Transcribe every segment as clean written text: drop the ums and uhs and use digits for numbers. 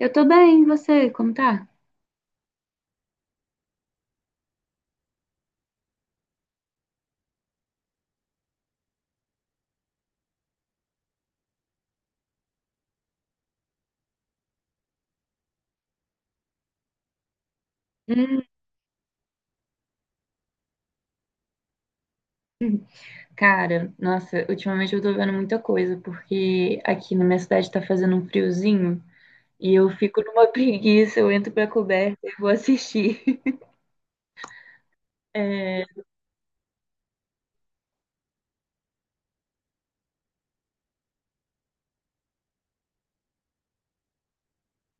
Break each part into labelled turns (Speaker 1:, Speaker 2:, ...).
Speaker 1: Eu tô bem, e você? Como tá? Hum, cara, nossa, ultimamente eu tô vendo muita coisa, porque aqui na minha cidade tá fazendo um friozinho e eu fico numa preguiça, eu entro pra coberta e vou assistir. É,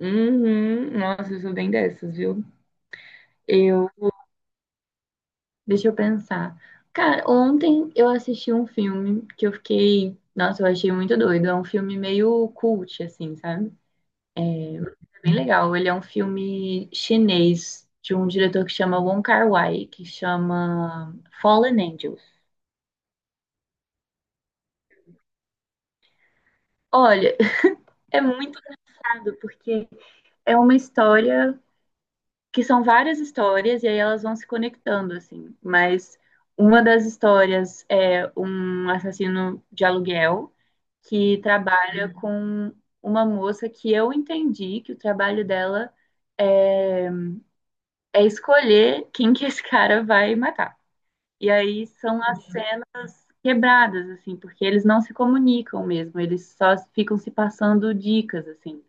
Speaker 1: uhum, nossa, eu sou bem dessas, viu? Eu, deixa eu pensar. Cara, ontem eu assisti um filme que eu fiquei, nossa, eu achei muito doido. É um filme meio cult, assim, sabe? Bem legal. Ele é um filme chinês de um diretor que chama Wong Kar-wai, que chama Fallen Angels. Olha, é muito irado porque é uma história que são várias histórias e aí elas vão se conectando assim, mas uma das histórias é um assassino de aluguel que trabalha com uma moça que eu entendi que o trabalho dela é escolher quem que esse cara vai matar. E aí são as quebradas, assim, porque eles não se comunicam mesmo, eles só ficam se passando dicas, assim.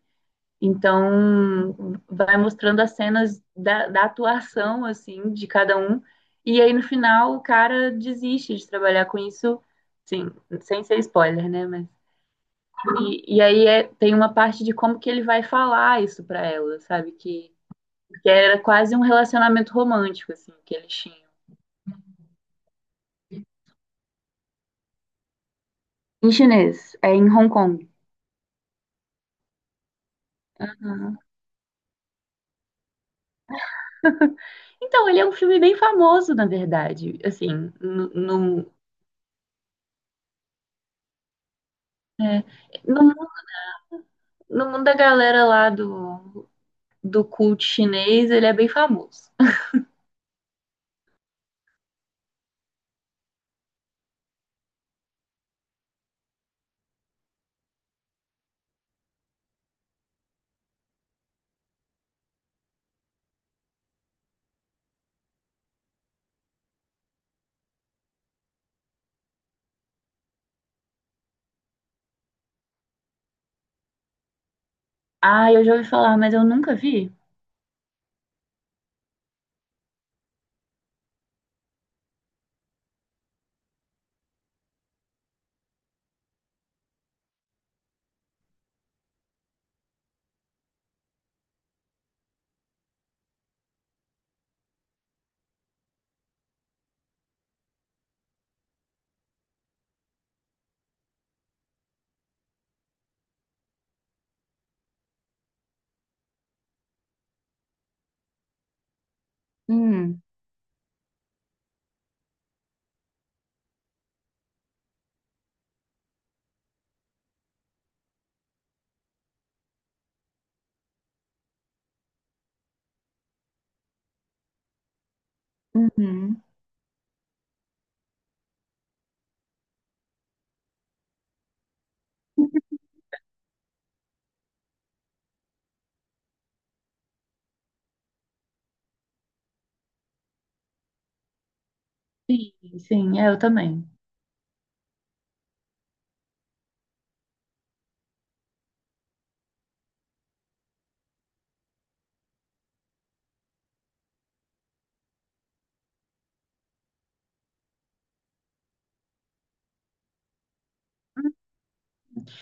Speaker 1: Então, vai mostrando as cenas da atuação, assim, de cada um, e aí no final o cara desiste de trabalhar com isso, sim, sem ser spoiler, né, mas... E aí é, tem uma parte de como que ele vai falar isso pra ela, sabe, que era quase um relacionamento romântico, assim, que eles tinham. Em chinês, é em Hong Kong. Uhum. Então, ele é um filme bem famoso, na verdade. Assim, no, no, é, no, mu- no mundo da galera lá do, do culto chinês, ele é bem famoso. Ah, eu já ouvi falar, mas eu nunca vi. Hum, uhum. Sim, sim, é, eu também.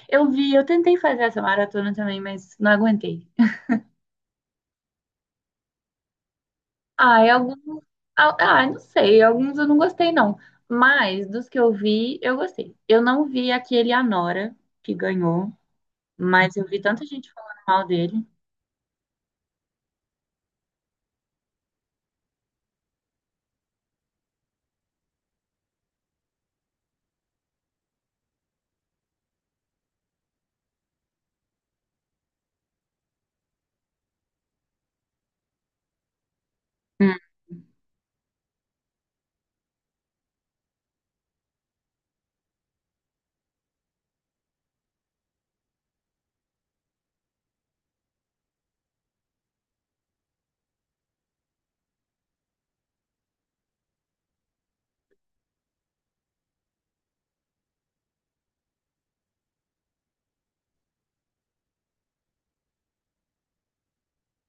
Speaker 1: Eu vi, eu tentei fazer essa maratona também, mas não aguentei. Ah, e alguns. Ah, não sei, alguns eu não gostei, não. Mas dos que eu vi, eu gostei. Eu não vi aquele Anora que ganhou. Mas eu vi tanta gente falando mal dele. Hum,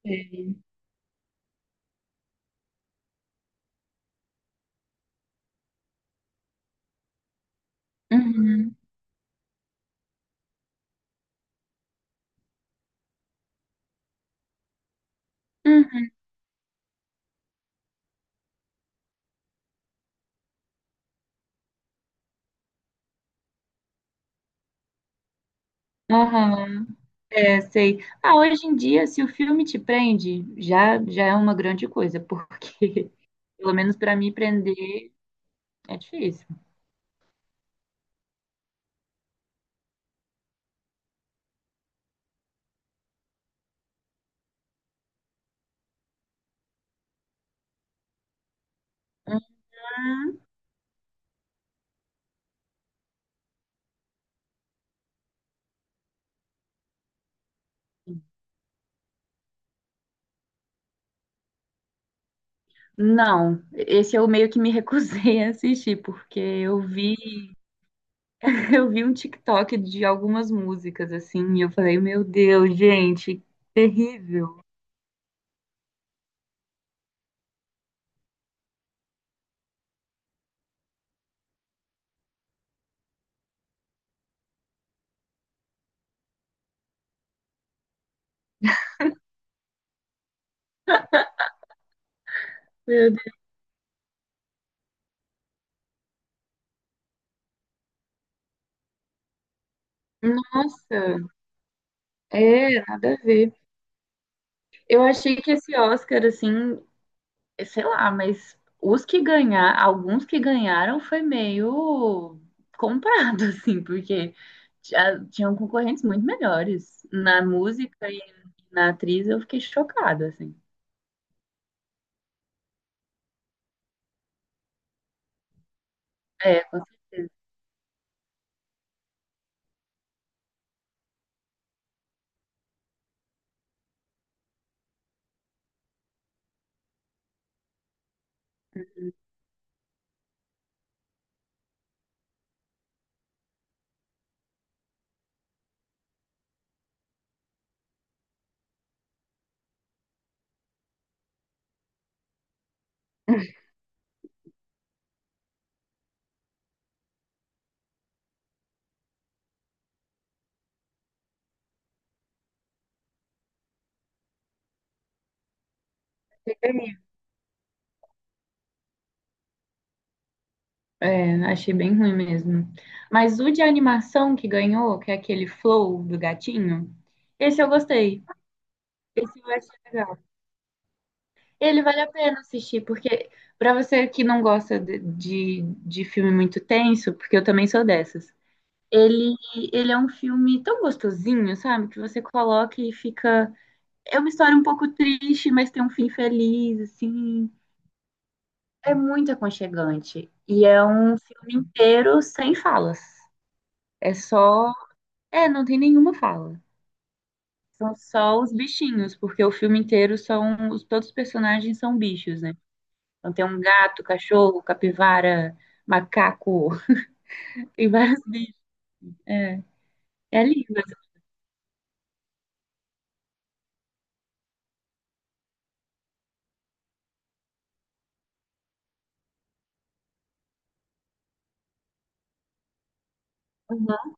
Speaker 1: sei. Uhum, uhum, aham, é, sei. Ah, hoje em dia, se o filme te prende, já é uma grande coisa, porque, pelo menos para mim, prender é difícil. Hum. Não, esse eu meio que me recusei a assistir, porque eu vi, eu vi um TikTok de algumas músicas, assim, e eu falei, meu Deus, gente, terrível. Meu Deus. Nossa, é, nada a ver. Eu achei que esse Oscar, assim, sei lá, mas os que ganhar, alguns que ganharam foi meio comprado, assim, porque já tinham concorrentes muito melhores. Na música e na atriz eu fiquei chocada, assim. É, com certeza. É, achei bem ruim mesmo. Mas o de animação que ganhou, que é aquele Flow do gatinho, esse eu gostei. Esse eu achei legal. Ele vale a pena assistir, porque pra você que não gosta de filme muito tenso, porque eu também sou dessas, ele, ele é um filme tão gostosinho, sabe? Que você coloca e fica. É uma história um pouco triste, mas tem um fim feliz, assim. É muito aconchegante. E é um filme inteiro sem falas. É só. É, não tem nenhuma fala. São só os bichinhos, porque o filme inteiro todos os personagens são bichos, né? Então tem um gato, cachorro, capivara, macaco, tem várias. É, é lindo. Uhum.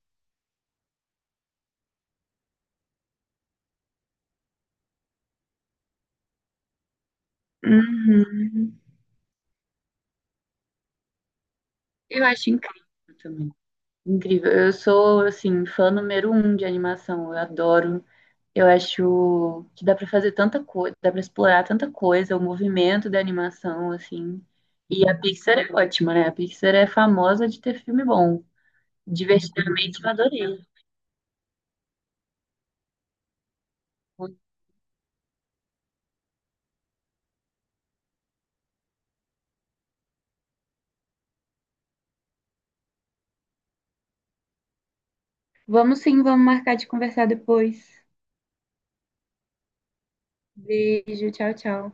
Speaker 1: Uhum. Eu acho incrível também. Incrível. Eu sou, assim, fã número um de animação. Eu adoro. Eu acho que dá pra fazer tanta coisa, dá pra explorar tanta coisa, o movimento da animação, assim. E a Pixar é ótima, né? A Pixar é famosa de ter filme bom. Divertidamente, eu adorei. Vamos sim, vamos marcar de conversar depois. Beijo, tchau, tchau.